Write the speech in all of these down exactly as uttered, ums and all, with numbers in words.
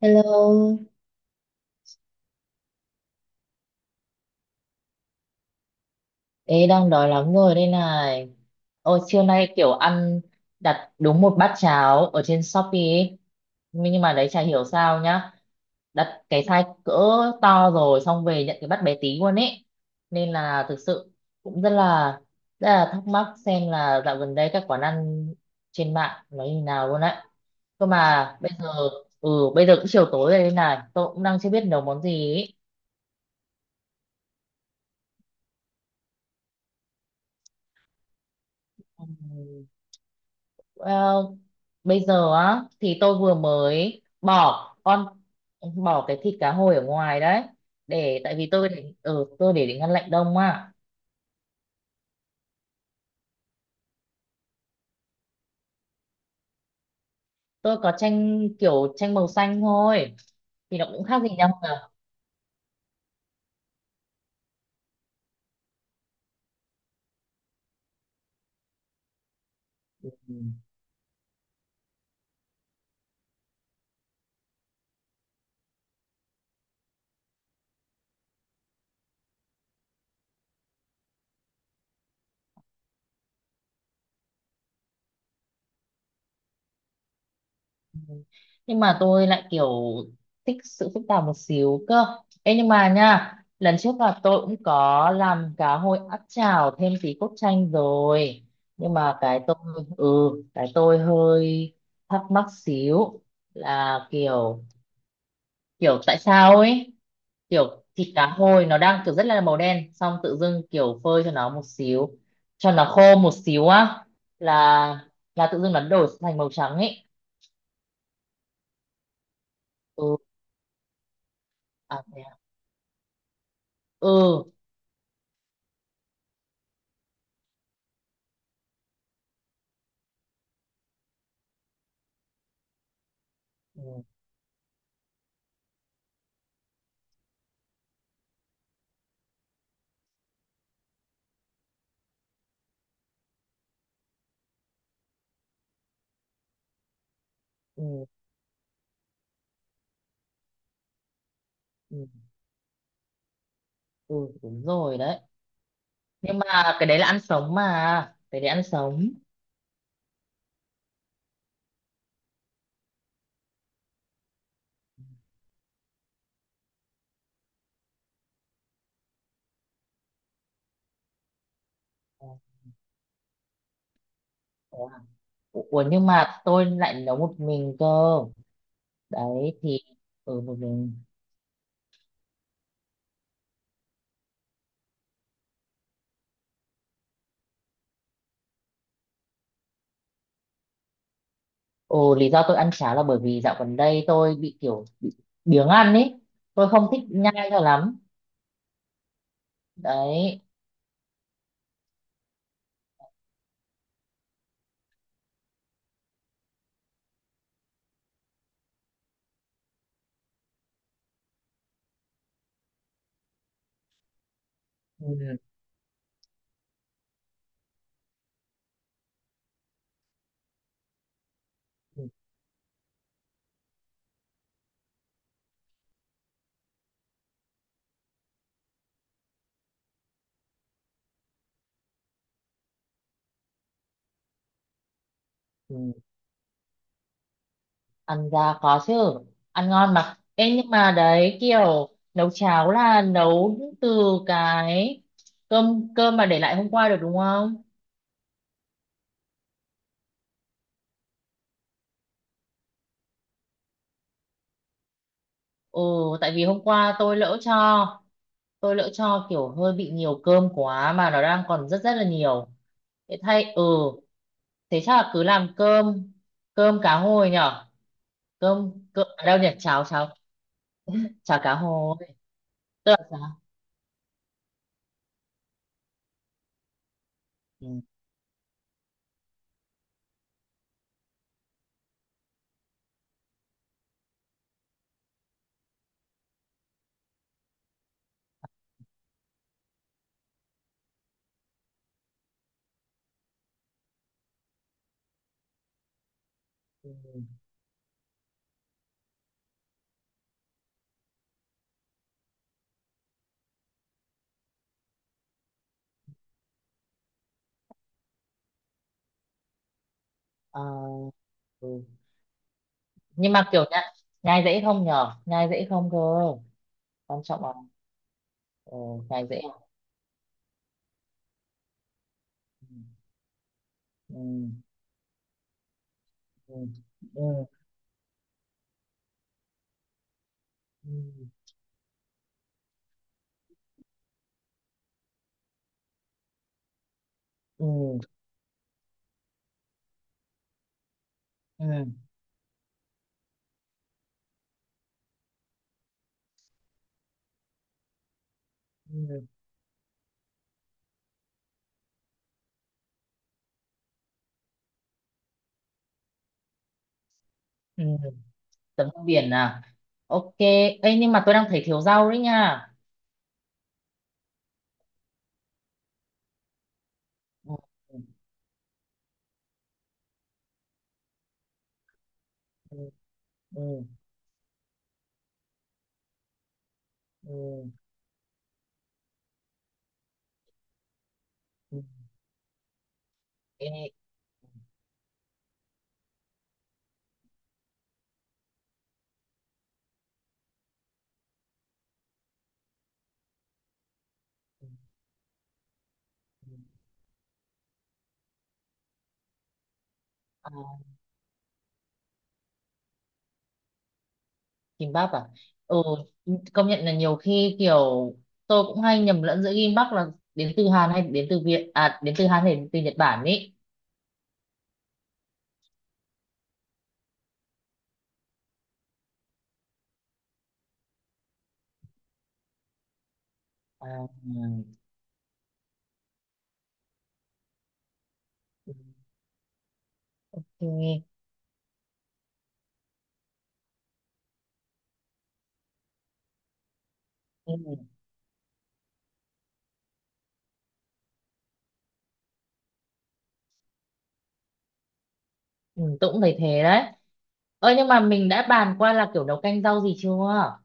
Hello. Ê, đang đói lắm rồi đây này. Ôi, trưa nay kiểu ăn đặt đúng một bát cháo ở trên Shopee ấy. Nhưng mà đấy chả hiểu sao nhá. Đặt cái size cỡ to rồi xong về nhận cái bát bé tí luôn ấy. Nên là thực sự cũng rất là rất là thắc mắc xem là dạo gần đây các quán ăn trên mạng nó như nào luôn đấy. Cơ mà bây giờ ừ bây giờ cũng chiều tối rồi đây này, tôi cũng đang chưa biết nấu món gì ấy. Ừ. Well, bây giờ á thì tôi vừa mới bỏ con bỏ cái thịt cá hồi ở ngoài đấy, để tại vì tôi để ừ, tôi để để ngăn lạnh đông à. Tôi có chanh kiểu chanh màu xanh thôi thì nó cũng khác gì nhau cả. Nhưng mà tôi lại kiểu thích sự phức tạp một xíu cơ. Ê, nhưng mà nha lần trước là tôi cũng có làm cá hồi áp chảo thêm tí cốt chanh rồi. Nhưng mà cái tôi ừ cái tôi hơi thắc mắc xíu, là kiểu kiểu tại sao ấy, kiểu thịt cá hồi nó đang kiểu rất là màu đen xong tự dưng kiểu phơi cho nó một xíu, cho nó khô một xíu á, là là tự dưng nó đổi thành màu trắng ấy. Ừ. À, thế à? Ừ. Ừ, ừ, ừ, ừ, đúng rồi đấy. Nhưng mà cái đấy là ăn sống mà, cái đấy ăn sống. Ờ, thế à? Ủa ủa, nhưng mà tôi lại nấu một mình cơ. Đấy thì ừ, một mình. Ồ, lý do tôi ăn cháo là bởi vì dạo gần đây tôi bị kiểu bị biếng ăn ấy. Tôi không thích nhai cho lắm đấy. Ừ. Ừ. Ăn ra có chứ, ăn ngon mà. Ê, nhưng mà đấy kiểu nấu cháo là nấu từ cái cơm cơm mà để lại hôm qua được đúng không. Ừ. Tại vì hôm qua tôi lỡ cho tôi lỡ cho kiểu hơi bị nhiều cơm quá mà nó đang còn rất rất là nhiều. Thế thay ừ Thế chắc là cứ làm cơm cơm cá hồi nhở. Cơm cơm ở đâu nhỉ, cháo, cháo, cháo cá hồi, tức là cháo. Ừ. Ừ. Ờ, ừ. Nhưng mà kiểu nhai, nhai dễ không nhở, nhai dễ không cơ, quan trọng là ừ, nhai dễ không? Ừ. Ừ. Ừ. Ừ. Ừ. Ừ. Ừ. Ừ. Tấm rau biển à, ok. Ấy nhưng mà tôi đang thấy thiếu rau đấy nha. Ừ. Ừ. Ừ. Ừ. Ừ. Ừ. Ê. Ừ. Ừ. Ừ. À, kim bắp à. Ừ, công nhận là nhiều khi kiểu tôi cũng hay nhầm lẫn giữa kim bắp là đến từ Hàn hay đến từ Việt, à, đến từ Hàn hay đến từ Nhật Bản ý. À. Ừ, ok. Ừ, ừ, tôi cũng thấy thế đấy. Ơ nhưng mà mình đã bàn qua là kiểu nấu canh rau gì chưa?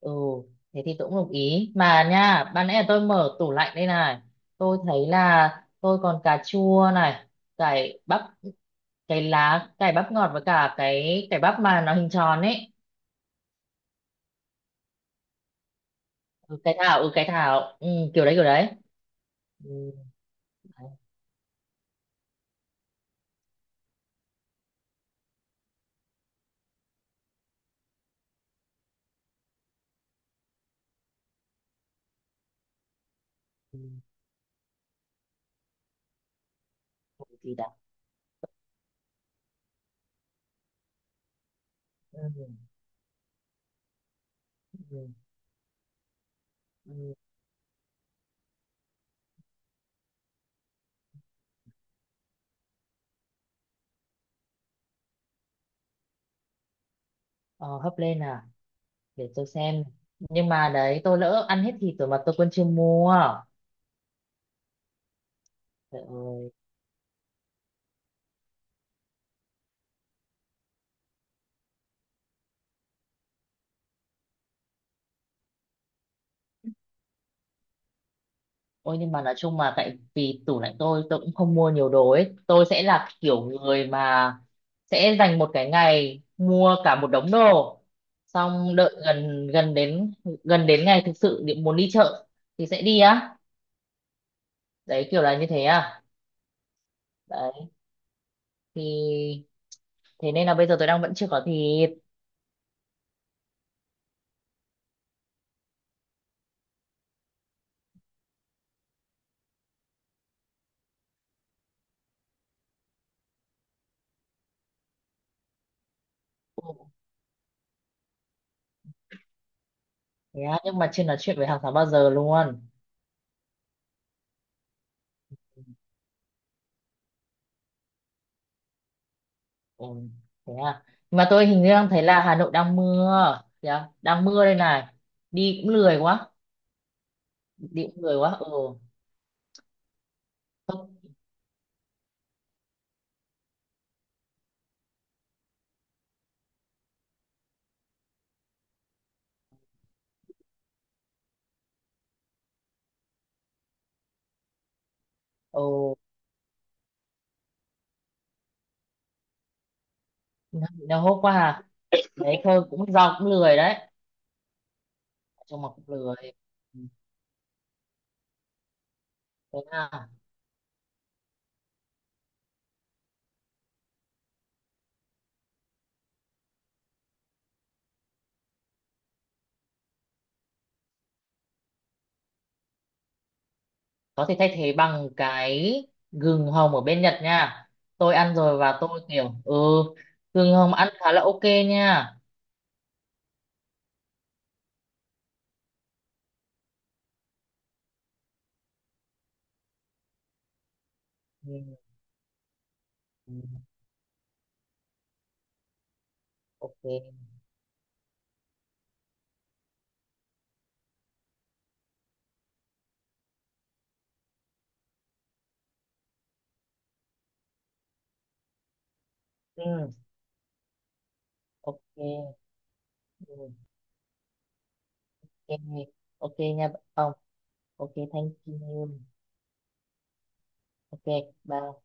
Ừ, thế thì tôi cũng đồng ý. Mà nha, ban nãy là tôi mở tủ lạnh đây này. Tôi thấy là tôi còn cà chua này, cải bắp, cái lá, cải bắp ngọt với cả cái cải bắp mà nó hình tròn ấy. Ừ, cái thảo, ừ cái thảo, ừ, kiểu đấy kiểu đấy. Ừ, đấy, ừ, củ gì đã. Ừ, ừ, ừ. Ờ, hấp lên à? Để tôi xem, nhưng mà đấy tôi lỡ ăn hết thịt rồi mà tôi quên chưa mua. Trời ơi. Ôi nhưng mà nói chung mà tại vì tủ lạnh tôi tôi cũng không mua nhiều đồ ấy, tôi sẽ là kiểu người mà sẽ dành một cái ngày mua cả một đống đồ, xong đợi gần gần đến gần đến ngày thực sự đi- muốn đi chợ thì sẽ đi á. Đấy kiểu là như thế à. Đấy thì thế nên là bây giờ tôi đang vẫn chưa có thịt. Ừ. Thế á, nhưng mà chưa nói chuyện với hàng xóm bao giờ luôn. Ồ, thế à. Mà tôi hình như đang thấy là Hà Nội đang mưa. Thế à? Đang mưa đây này. Đi cũng lười quá. Đi cũng lười quá. Ừ. Không. Ồ, nó hốt quá à. Đấy thôi, cũng do cũng lười đấy. Trông mà cũng lười. Ừ. Thế à. Có thể thay thế bằng cái gừng hồng ở bên Nhật nha. Tôi ăn rồi và tôi kiểu, ừ, gừng hồng ăn khá là ok nha. Ừ, ừ, ok. Ừ, ok. Ừ, ok. Ok nha. Ok, thank you em. Ok. Bye.